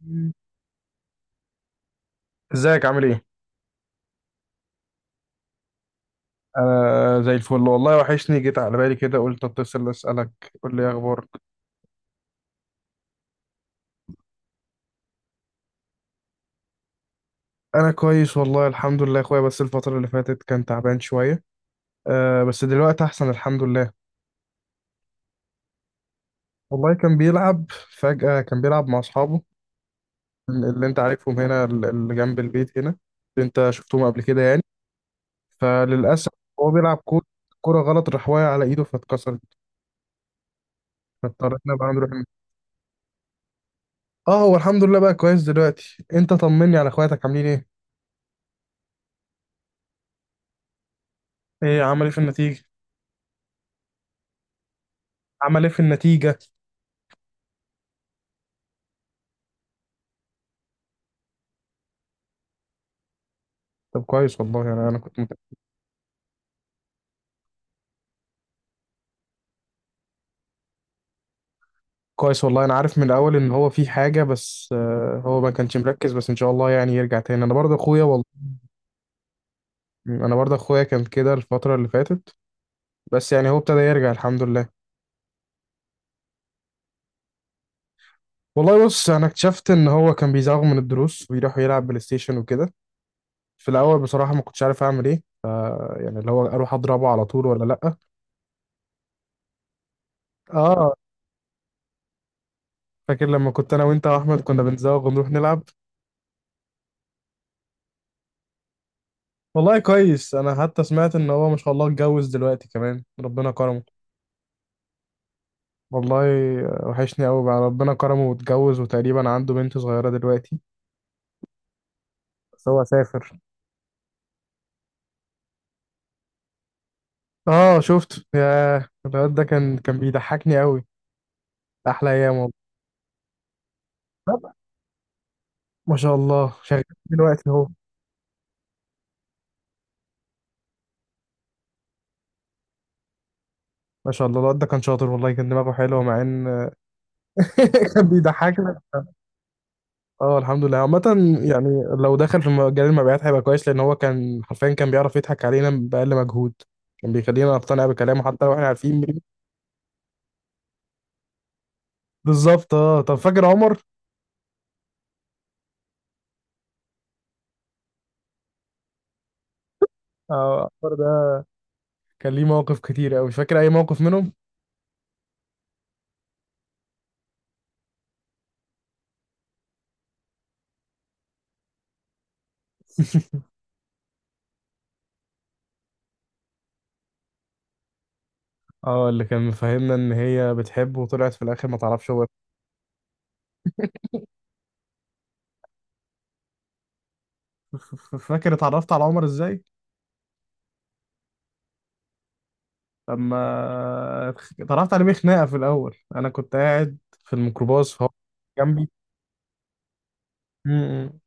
مم. ازيك عامل ايه؟ انا زي الفل والله وحشني، جيت على بالي كده قلت اتصل اسالك. قول لي إيه اخبارك. انا كويس والله الحمد لله يا اخويا، بس الفتره اللي فاتت كان تعبان شويه. أه، بس دلوقتي احسن الحمد لله. والله كان بيلعب، فجاه كان بيلعب مع اصحابه اللي انت عارفهم هنا، اللي جنب البيت هنا، اللي انت شفتهم قبل كده يعني. فللاسف هو بيلعب كوره، كرة غلط راح واقع على ايده فاتكسرت، فاضطرينا بقى نروح. اه، هو الحمد لله بقى كويس دلوقتي. انت طمني على اخواتك عاملين ايه. ايه عمل ايه في النتيجة؟ عمل ايه في النتيجة؟ طب كويس والله. انا كنت مت... كويس والله انا عارف من الاول ان هو في حاجة، بس هو ما كانش مركز، بس ان شاء الله يعني يرجع تاني. انا برضه اخويا والله، انا برضه اخويا كان كده الفترة اللي فاتت، بس يعني هو ابتدى يرجع الحمد لله. والله بص، انا اكتشفت ان هو كان بيزاغ من الدروس ويروح يلعب بلاي ستيشن وكده. في الاول بصراحة ما كنتش عارف اعمل ايه، يعني اللي هو اروح اضربه على طول ولا لا. اه، فاكر لما كنت انا وانت واحمد كنا بنزاغ ونروح نلعب. والله كويس، انا حتى سمعت ان هو ما شاء الله اتجوز دلوقتي كمان، ربنا كرمه. والله وحشني قوي بقى، ربنا كرمه واتجوز وتقريبا عنده بنت صغيرة دلوقتي، بس هو سافر. اه شفت يا، الواد ده كان بيضحكني قوي، احلى ايام والله. طب، ما شاء الله شغال دلوقتي اهو. ما شاء الله الواد ده كان شاطر والله، كان دماغه حلوة مع ان كان بيضحكنا. اه الحمد لله عامة. يعني لو دخل في مجال المبيعات هيبقى كويس، لأن هو كان حرفيا كان بيعرف يضحك علينا بأقل مجهود، كان بيخلينا نقتنع بكلامه حتى لو احنا عارفين مين. بالظبط. اه طب فاكر عمر؟ اه عمر ده كان ليه مواقف كتير أوي، مش فاكر أي موقف منهم؟ اه اللي كان مفهمنا إن هي بتحبه وطلعت في الآخر ما تعرفش هو. فاكر اتعرفت على عمر إزاي؟ لما اتعرفت عليه بخناقة في الأول، أنا كنت قاعد في الميكروباص فهو جنبي،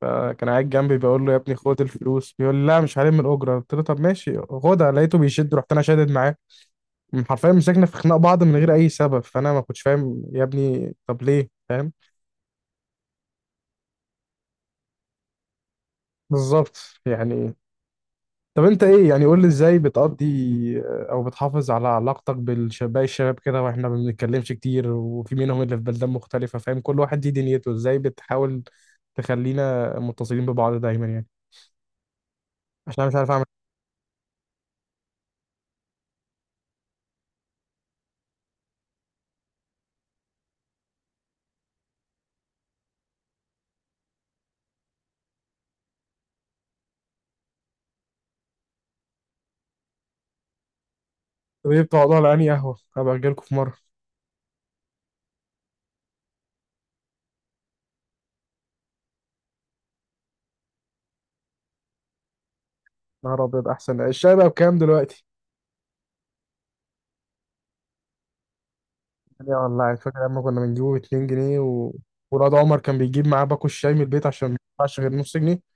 فكان قاعد جنبي بقول له يا ابني خد الفلوس، بيقول لي لا مش هلم من الاجره، قلت له طب ماشي خدها، لقيته بيشد، رحت انا شادد معاه. حرفيا مسكنا في خناق بعض من غير اي سبب، فانا ما كنتش فاهم يا ابني طب ليه فاهم. بالظبط يعني. طب انت ايه يعني، قول لي ازاي بتقضي او بتحافظ على علاقتك بالشباب، الشباب كده واحنا ما بنتكلمش كتير، وفي منهم اللي في بلدان مختلفه فاهم، كل واحد ليه دنيته، ازاي بتحاول تخلينا متصلين ببعض دايما يعني؟ عشان انا مش عارف اعمل ايه. طب ايه بتقعدوا على انهي قهوه، هبقى اجيلكوا في مره. نهار ابيض، احسن الشاي بقى بكام دلوقتي؟ يا والله فاكر لما كنا بنجيبه ب 2 جنيه و... ولاد عمر كان بيجيب معاه باكو الشاي من البيت عشان ما يدفعش غير نص جنيه.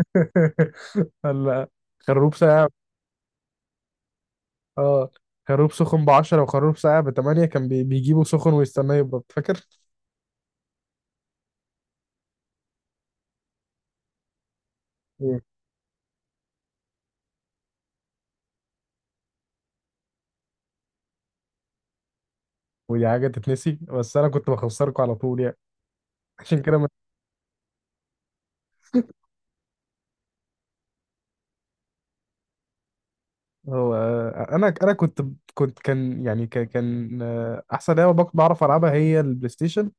ولا خروب ساقع. اه خروب سخن ب 10 وخروب ساقع ب 8، كان بيجيبه سخن ويستناه يبرد، فاكر؟ إيه. ودي حاجه تتنسي، بس انا كنت بخسركم على طول يعني. عشان كده ما... هو انا كنت كنت كان يعني كان كان، آه، احسن لعبه بعرف العبها هي البلاي ستيشن.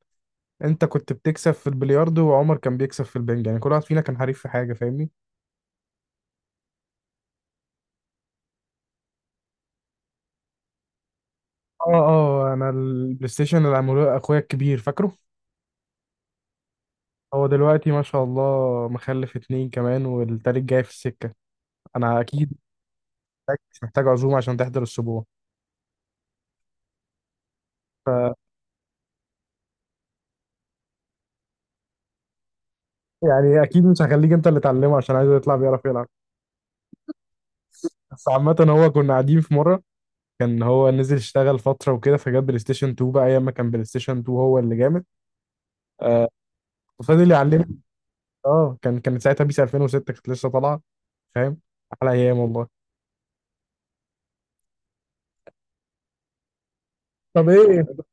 انت كنت بتكسب في البلياردو وعمر كان بيكسب في البنج، يعني كل واحد فينا كان حريف في حاجه فاهمني. اه انا البلاي ستيشن اللي عملوه اخويا الكبير، فاكره؟ هو دلوقتي ما شاء الله مخلف اتنين كمان والتالت جاي في السكه. انا اكيد محتاج عزومه عشان تحضر السبوع، يعني اكيد مش هخليك انت اللي تعلمه عشان عايزه يطلع بيعرف يلعب. بس عامه، هو كنا قاعدين في مره، كان هو نزل اشتغل فتره وكده، فجاب بلاي ستيشن 2، بقى ايام ما كان بلاي ستيشن 2 هو اللي جامد. آه، فضل يعلمني. اه كانت ساعتها بيس 2006 كانت لسه طالعه فاهم. احلى ايام والله. طب ايه.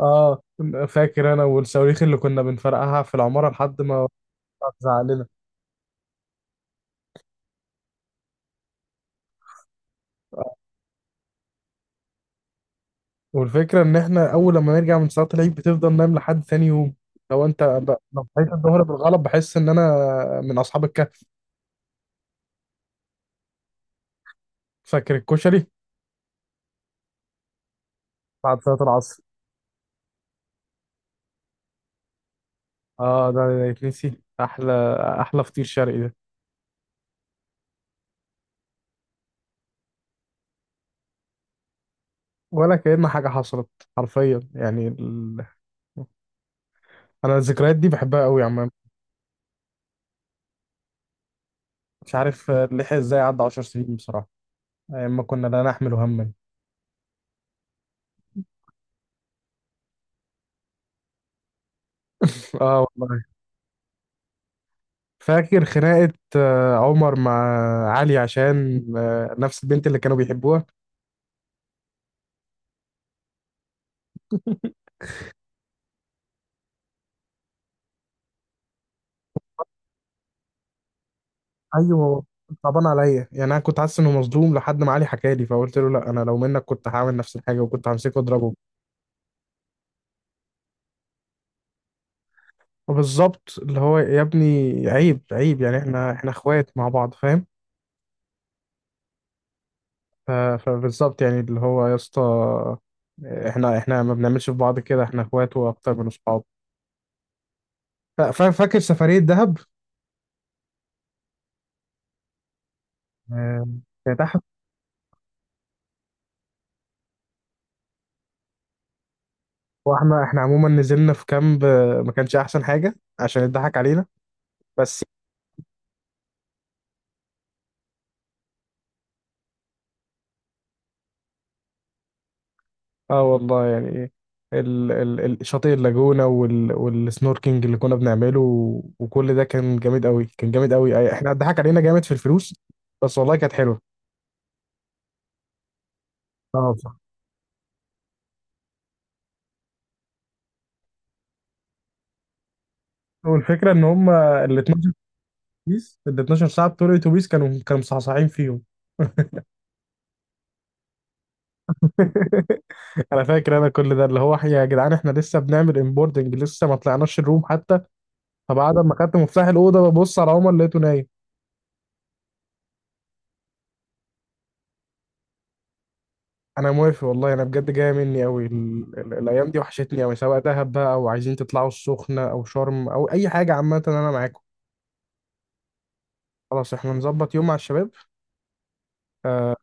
اه، فاكر انا والصواريخ اللي كنا بنفرقعها في العماره لحد ما تزعق لنا. والفكره ان احنا اول لما نرجع من صلاه العيد بتفضل نايم لحد ثاني يوم. لو انت لو صحيت الظهر بالغلط بحس ان انا من اصحاب الكهف. فاكر الكشري بعد صلاه العصر؟ اه ده يتنسي، احلى فطير شرقي ده. ولا كأن حاجه حصلت حرفيا، يعني ال... انا الذكريات دي بحبها قوي عامه. مش عارف لحق ازاي عدى 10 سنين بصراحة، أيام ما كنا لا نحمل هما. اه والله. فاكر خناقة عمر مع علي عشان نفس البنت اللي كانوا بيحبوها؟ ايوه كنت صعبان عليا، يعني انا كنت حاسس انه مظلوم لحد ما علي حكى لي، فقلت له لا انا لو منك كنت هعمل نفس الحاجه، وكنت همسكه واضربه. بالظبط، اللي هو يا ابني عيب، يعني احنا اخوات مع بعض فاهم. فبالظبط يعني، اللي هو يا اسطى، احنا ما بنعملش في بعض كده، احنا اخوات واكتر من اصحاب. فاكر سفرية دهب؟ آه، كانت أحلى. واحنا عموما نزلنا في كامب، ما كانش أحسن حاجة عشان اتضحك علينا، بس. اه والله يعني شاطئ اللاجونة، وال والسنوركينج اللي كنا بنعمله، وكل ده كان جامد قوي، كان جامد قوي. أي- احنا اتضحك علينا جامد في الفلوس، بس والله كانت حلوه. اه بصراحة. والفكرة ان هم ال 12، اتوبيس ال 12 ساعة بتوع الاتوبيس كانوا مصحصحين فيهم. انا فاكر انا كل ده، اللي هو يا جدعان احنا لسه بنعمل امبوردنج، لسه ما طلعناش الروم حتى. فبعد ما خدت مفتاح الاوضه ببص على عمر لقيته نايم. انا موافق والله، انا بجد جايه مني قوي ال... ال... الايام دي وحشتني قوي، سواء دهب بقى، او عايزين تطلعوا السخنه، او شرم، او اي حاجه، عامه انا معاكم. خلاص احنا نظبط يوم مع الشباب. آه.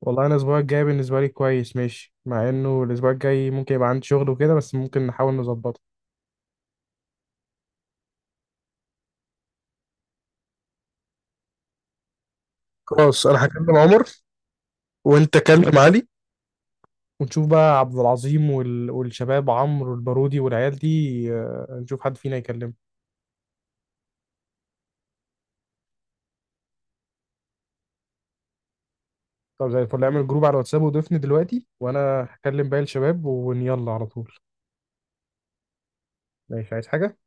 والله انا الاسبوع الجاي بالنسبه لي كويس ماشي، مع انه الاسبوع الجاي ممكن يبقى عندي شغل وكده، بس ممكن نحاول نظبطه. خلاص انا هكلم عمر وانت كلم علي، ونشوف بقى عبد العظيم وال... والشباب عمرو والبارودي والعيال دي، نشوف حد فينا يكلمه. طب زي الفل، اعمل جروب على الواتساب وضيفني دلوقتي، وانا هكلم باقي الشباب ويلا على طول. ماشي، عايز حاجة؟